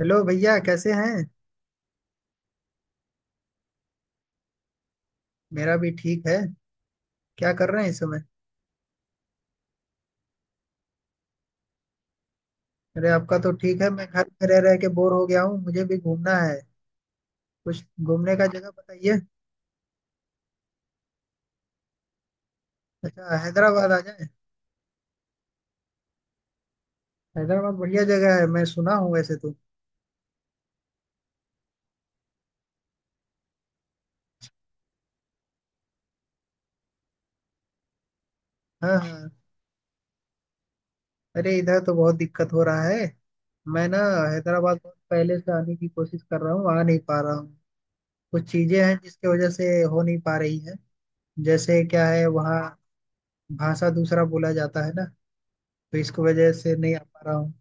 Hello भैया, कैसे हैं? मेरा भी ठीक है। क्या कर रहे हैं इस समय? अरे, आपका तो ठीक है, मैं घर में रह रह के बोर हो गया हूँ, मुझे भी घूमना है। कुछ घूमने का जगह बताइए। अच्छा, हैदराबाद आ जाए। हैदराबाद बढ़िया जगह है, मैं सुना हूँ वैसे तो। हाँ, हाँ। अरे, इधर तो बहुत दिक्कत हो रहा है। मैं ना, हैदराबाद बहुत पहले से आने की कोशिश कर रहा हूँ, आ नहीं पा रहा हूँ। कुछ चीजें हैं जिसकी वजह से हो नहीं पा रही है। जैसे क्या है वहाँ, भाषा दूसरा बोला जाता है ना, तो इसकी वजह से नहीं आ पा रहा हूँ।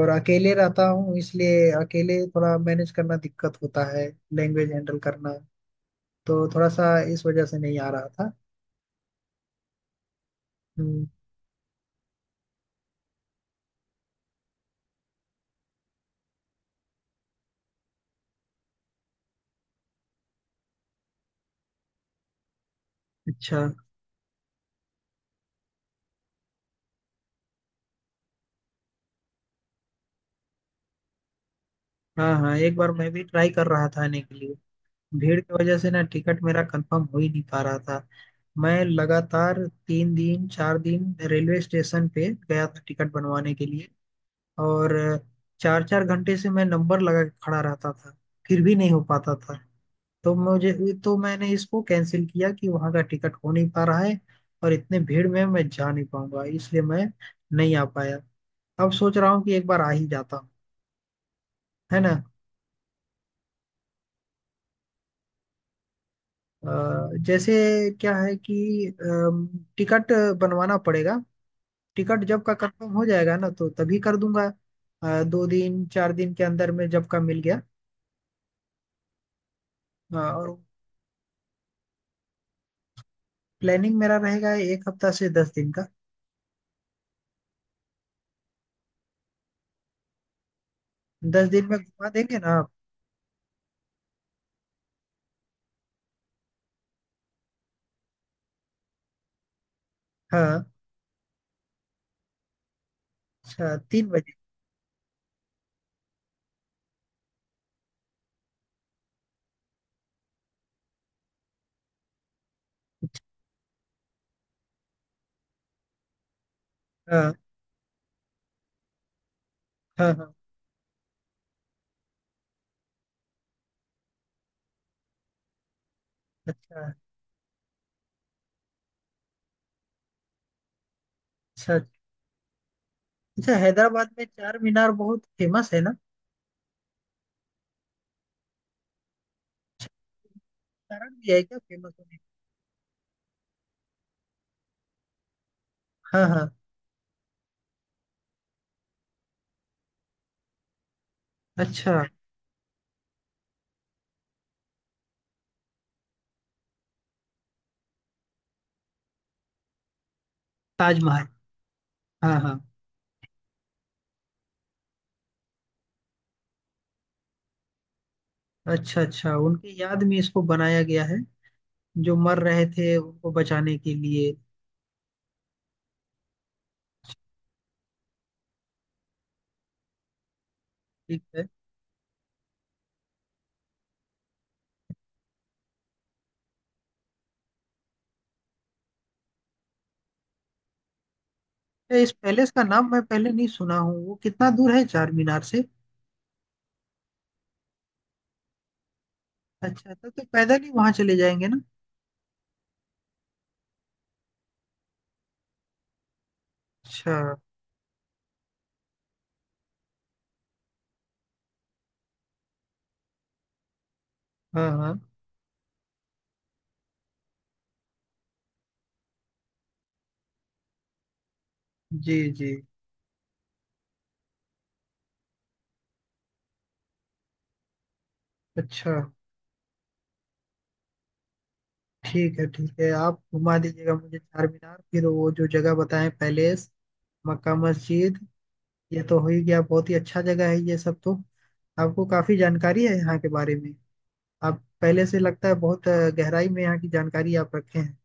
और अकेले रहता हूँ, इसलिए अकेले थोड़ा मैनेज करना दिक्कत होता है। लैंग्वेज हैंडल करना, तो थोड़ा सा इस वजह से नहीं आ रहा था। हम्म। अच्छा। हाँ, हाँ, एक बार मैं भी ट्राई कर रहा था आने के लिए। भीड़ की वजह से ना टिकट मेरा कंफर्म हो ही नहीं पा रहा था। मैं लगातार 3 दिन 4 दिन रेलवे स्टेशन पे गया था टिकट बनवाने के लिए। और चार चार घंटे से मैं नंबर लगा के खड़ा रहता था, फिर भी नहीं हो पाता था। तो मुझे, तो मैंने इसको कैंसिल किया कि वहां का टिकट हो नहीं पा रहा है, और इतने भीड़ में मैं जा नहीं पाऊंगा, इसलिए मैं नहीं आ पाया। अब सोच रहा हूँ कि एक बार आ ही जाता हूँ, है ना। जैसे क्या है कि टिकट बनवाना पड़ेगा। टिकट जब का कंफर्म हो जाएगा ना तो तभी कर दूंगा। दो दिन चार दिन के अंदर में जब का मिल गया। और प्लानिंग मेरा रहेगा एक हफ्ता से 10 दिन का। 10 दिन में घुमा देंगे ना आप? हाँ। अच्छा, 3 बजे। अच्छा। हाँ, हाँ, हाँ। अच्छा। अच्छा। अच्छा, हैदराबाद में चार मीनार बहुत फेमस है ना? अच्छा, कारण भी है क्या फेमस होने का? हाँ, हाँ। अच्छा। ताजमहल। हाँ, हाँ। अच्छा, अच्छा, उनकी याद में इसको बनाया गया है। जो मर रहे थे उनको बचाने के लिए। ठीक है। ए, इस पैलेस का नाम मैं पहले नहीं सुना हूँ। वो कितना दूर है चार मीनार से? अच्छा, तब तो पैदल ही वहां चले जाएंगे ना। अच्छा। हाँ, हाँ। जी, जी। अच्छा। ठीक है, ठीक है, आप घुमा दीजिएगा मुझे चार मीनार, फिर वो जो जगह बताएं पैलेस, मक्का मस्जिद। ये तो हो ही गया, बहुत ही अच्छा जगह है ये सब तो। आपको काफी जानकारी है यहाँ के बारे में। आप पहले से लगता है बहुत गहराई में यहाँ की जानकारी आप रखे हैं।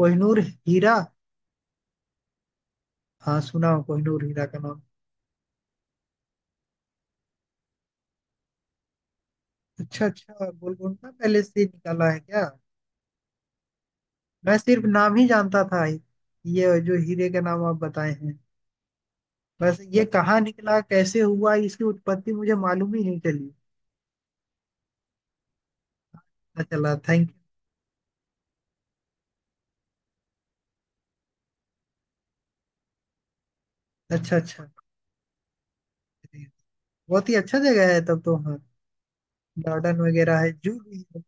कोहिनूर हीरा। हाँ, सुना हो कोहिनूर हीरा का नाम। अच्छा, अच्छा, गोलकुंडा पहले से ही निकाला है क्या? मैं सिर्फ नाम ही जानता था। ये जो हीरे का नाम आप बताए हैं, बस ये कहाँ निकला कैसे हुआ इसकी उत्पत्ति मुझे मालूम ही नहीं चली। अच्छा, चला थैंक यू। अच्छा, अच्छा। बहुत ही अच्छा जगह है तब तो। हाँ, गार्डन वगैरह है, जू भी है।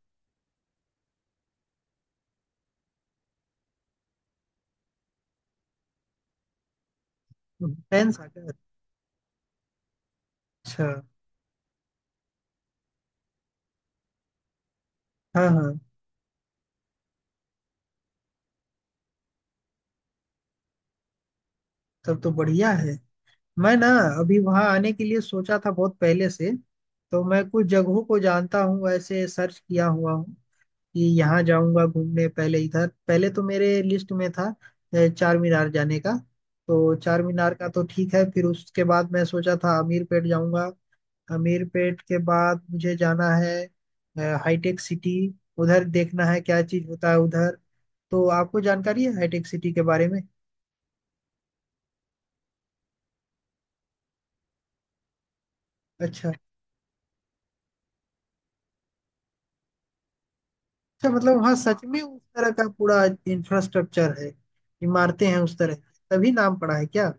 हुसैन सागर। अच्छा। हाँ, हाँ। तब तो बढ़िया है। मैं ना, अभी वहाँ आने के लिए सोचा था बहुत पहले से। तो मैं कुछ जगहों को जानता हूँ, ऐसे सर्च किया हुआ हूँ कि यहाँ जाऊँगा घूमने। पहले इधर पहले तो मेरे लिस्ट में था चार मीनार जाने का। तो चार मीनार का तो ठीक है, फिर उसके बाद मैं सोचा था आमीर पेट जाऊँगा। अमीरपेट के बाद मुझे जाना है हाईटेक सिटी। उधर देखना है क्या चीज होता है उधर। तो आपको जानकारी है हाईटेक सिटी के बारे में? अच्छा। अच्छा, मतलब वहाँ सच में उस तरह का पूरा इंफ्रास्ट्रक्चर है, इमारतें हैं उस तरह की। तभी नाम पड़ा है क्या?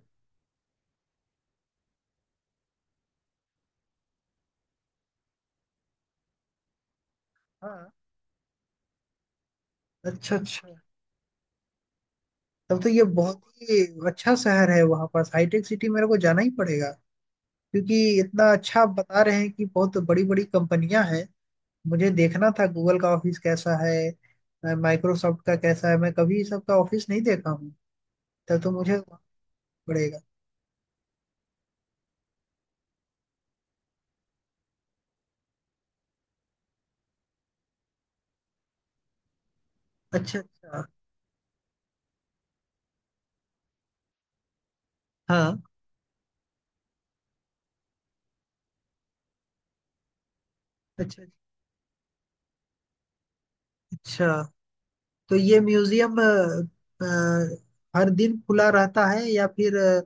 हाँ। अच्छा, अच्छा। तब तो ये बहुत ही अच्छा शहर है। वहाँ पास हाईटेक सिटी मेरे को जाना ही पड़ेगा क्योंकि इतना अच्छा आप बता रहे हैं कि बहुत बड़ी बड़ी कंपनियां हैं। मुझे देखना था गूगल का ऑफिस कैसा है, माइक्रोसॉफ्ट का कैसा है, मैं कभी सबका ऑफिस नहीं देखा हूँ। तब तो मुझे पड़ेगा। अच्छा, अच्छा। हाँ। अच्छा, अच्छा। तो ये म्यूजियम हर दिन खुला रहता है या फिर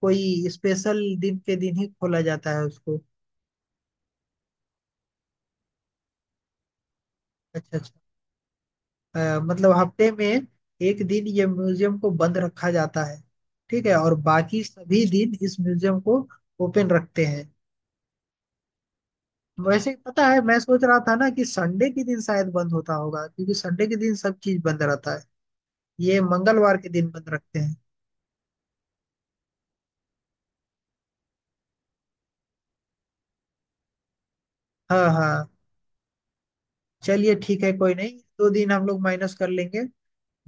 कोई स्पेशल दिन के दिन ही खोला जाता है उसको? अच्छा, अच्छा। मतलब हफ्ते में एक दिन ये म्यूजियम को बंद रखा जाता है। ठीक है, और बाकी सभी दिन इस म्यूजियम को ओपन रखते हैं। वैसे पता है, मैं सोच रहा था ना कि संडे के दिन शायद बंद होता होगा, क्योंकि संडे के दिन सब चीज बंद रहता है। ये मंगलवार के दिन बंद रखते हैं। हाँ, हाँ। चलिए, ठीक है, कोई नहीं, 2 दिन हम लोग माइनस कर लेंगे,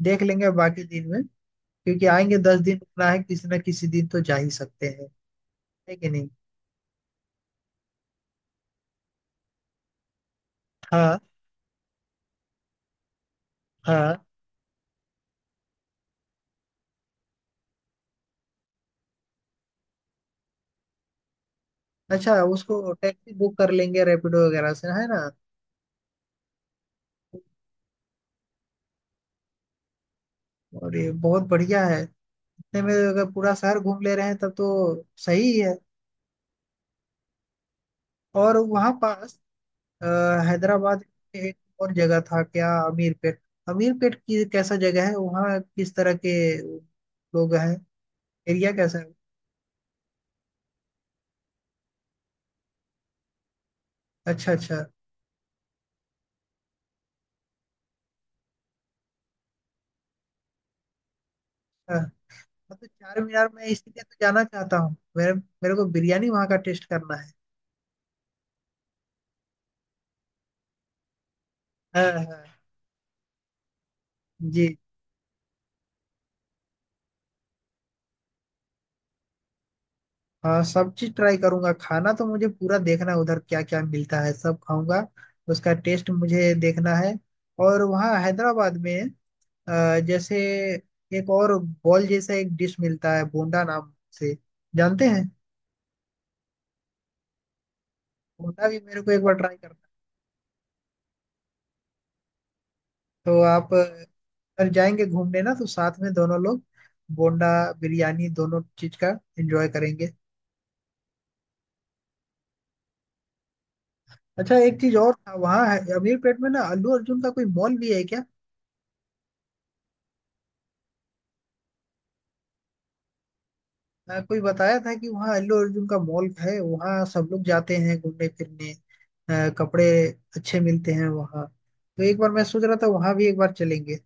देख लेंगे बाकी दिन में। क्योंकि आएंगे 10 दिन रुकना है, किसी ना किसी दिन तो जा ही सकते हैं, है कि नहीं। हाँ, हाँ। अच्छा, उसको टैक्सी बुक कर लेंगे रैपिडो वगैरह से, है ना। और ये बहुत बढ़िया है, इतने में अगर पूरा शहर घूम ले रहे हैं तब तो सही है। और वहाँ पास अ, हैदराबाद में एक और जगह था क्या, अमीरपेट? अमीरपेट की कैसा जगह है? वहाँ किस तरह के लोग हैं, एरिया कैसा है? अच्छा, अच्छा। हाँ, मतलब चार मीनार में इसीलिए तो जाना चाहता हूँ, मेरे मेरे को बिरयानी वहाँ का टेस्ट करना है। हाँ, हाँ। जी हाँ, सब चीज ट्राई करूंगा, खाना तो मुझे पूरा देखना है उधर क्या क्या मिलता है, सब खाऊंगा। उसका टेस्ट मुझे देखना है। और वहाँ हैदराबाद में जैसे एक और बॉल जैसा एक डिश मिलता है, बोंडा नाम से, जानते हैं? बोंडा भी मेरे को एक बार ट्राई करना है। तो आप अगर जाएंगे घूमने ना, तो साथ में दोनों लोग बोंडा बिरयानी दोनों चीज का एंजॉय करेंगे। अच्छा, एक चीज और था, वहाँ अमीरपेट में ना अल्लू अर्जुन का कोई मॉल भी है क्या? कोई बताया था कि वहाँ अल्लू अर्जुन का मॉल है, वहाँ सब लोग जाते हैं घूमने फिरने। कपड़े अच्छे मिलते हैं वहाँ, तो एक बार मैं सोच रहा था वहाँ भी एक बार चलेंगे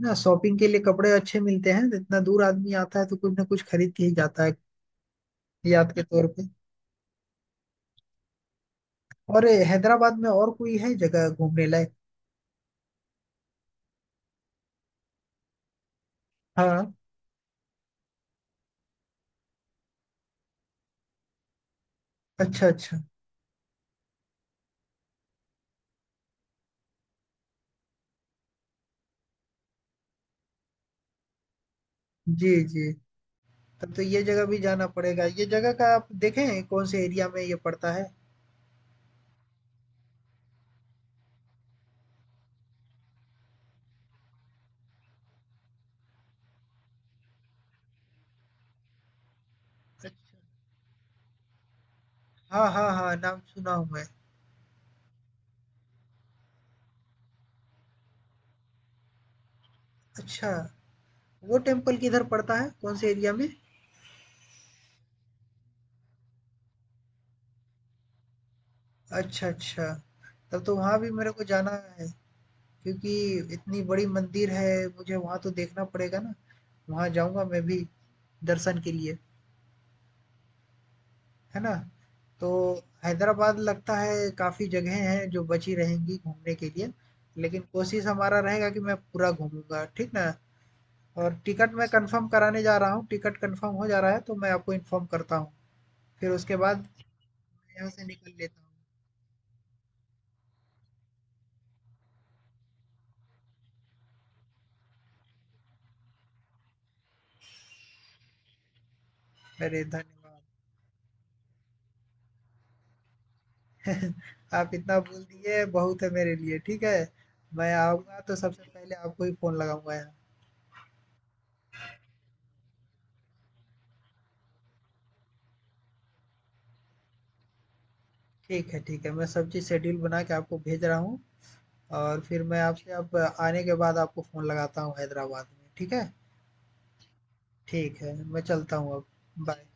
ना शॉपिंग के लिए। कपड़े अच्छे मिलते हैं, इतना दूर आदमी आता है तो कुछ ना कुछ खरीद के ही जाता है, याद के तौर पे। और ये हैदराबाद में और कोई है जगह घूमने लायक? हाँ। अच्छा, अच्छा। जी, जी। तब तो ये जगह भी जाना पड़ेगा, ये जगह का आप देखें कौन से एरिया में ये पड़ता है। अच्छा। हाँ, हाँ, हाँ, नाम सुना हूँ मैं। अच्छा, वो टेम्पल किधर पड़ता है, कौन से एरिया में? अच्छा, अच्छा, तब तो वहां भी मेरे को जाना है, क्योंकि इतनी बड़ी मंदिर है, मुझे वहाँ तो देखना पड़ेगा ना। वहाँ जाऊँगा मैं भी दर्शन के लिए, है ना? तो हैदराबाद लगता है काफ़ी जगहें हैं जो बची रहेंगी घूमने के लिए, लेकिन कोशिश हमारा रहेगा कि मैं पूरा घूमूँगा, ठीक ना? और टिकट मैं कंफर्म कराने जा रहा हूँ, टिकट कंफर्म हो जा रहा है तो मैं आपको इन्फॉर्म करता हूँ। फिर उसके बाद मैं यहाँ से निकल लेता हूँ। अरे, धन्यवाद! आप इतना बोल दिए बहुत है मेरे लिए, ठीक है? मैं आऊँगा तो सबसे पहले आपको ही फ़ोन लगाऊँगा यहाँ। ठीक है, ठीक है। मैं सब चीज़ शेड्यूल बना के आपको भेज रहा हूँ, और फिर मैं आपसे अब आने के बाद आपको फ़ोन लगाता हूँ हैदराबाद में, ठीक है? ठीक है, मैं चलता हूँ अब, बाय।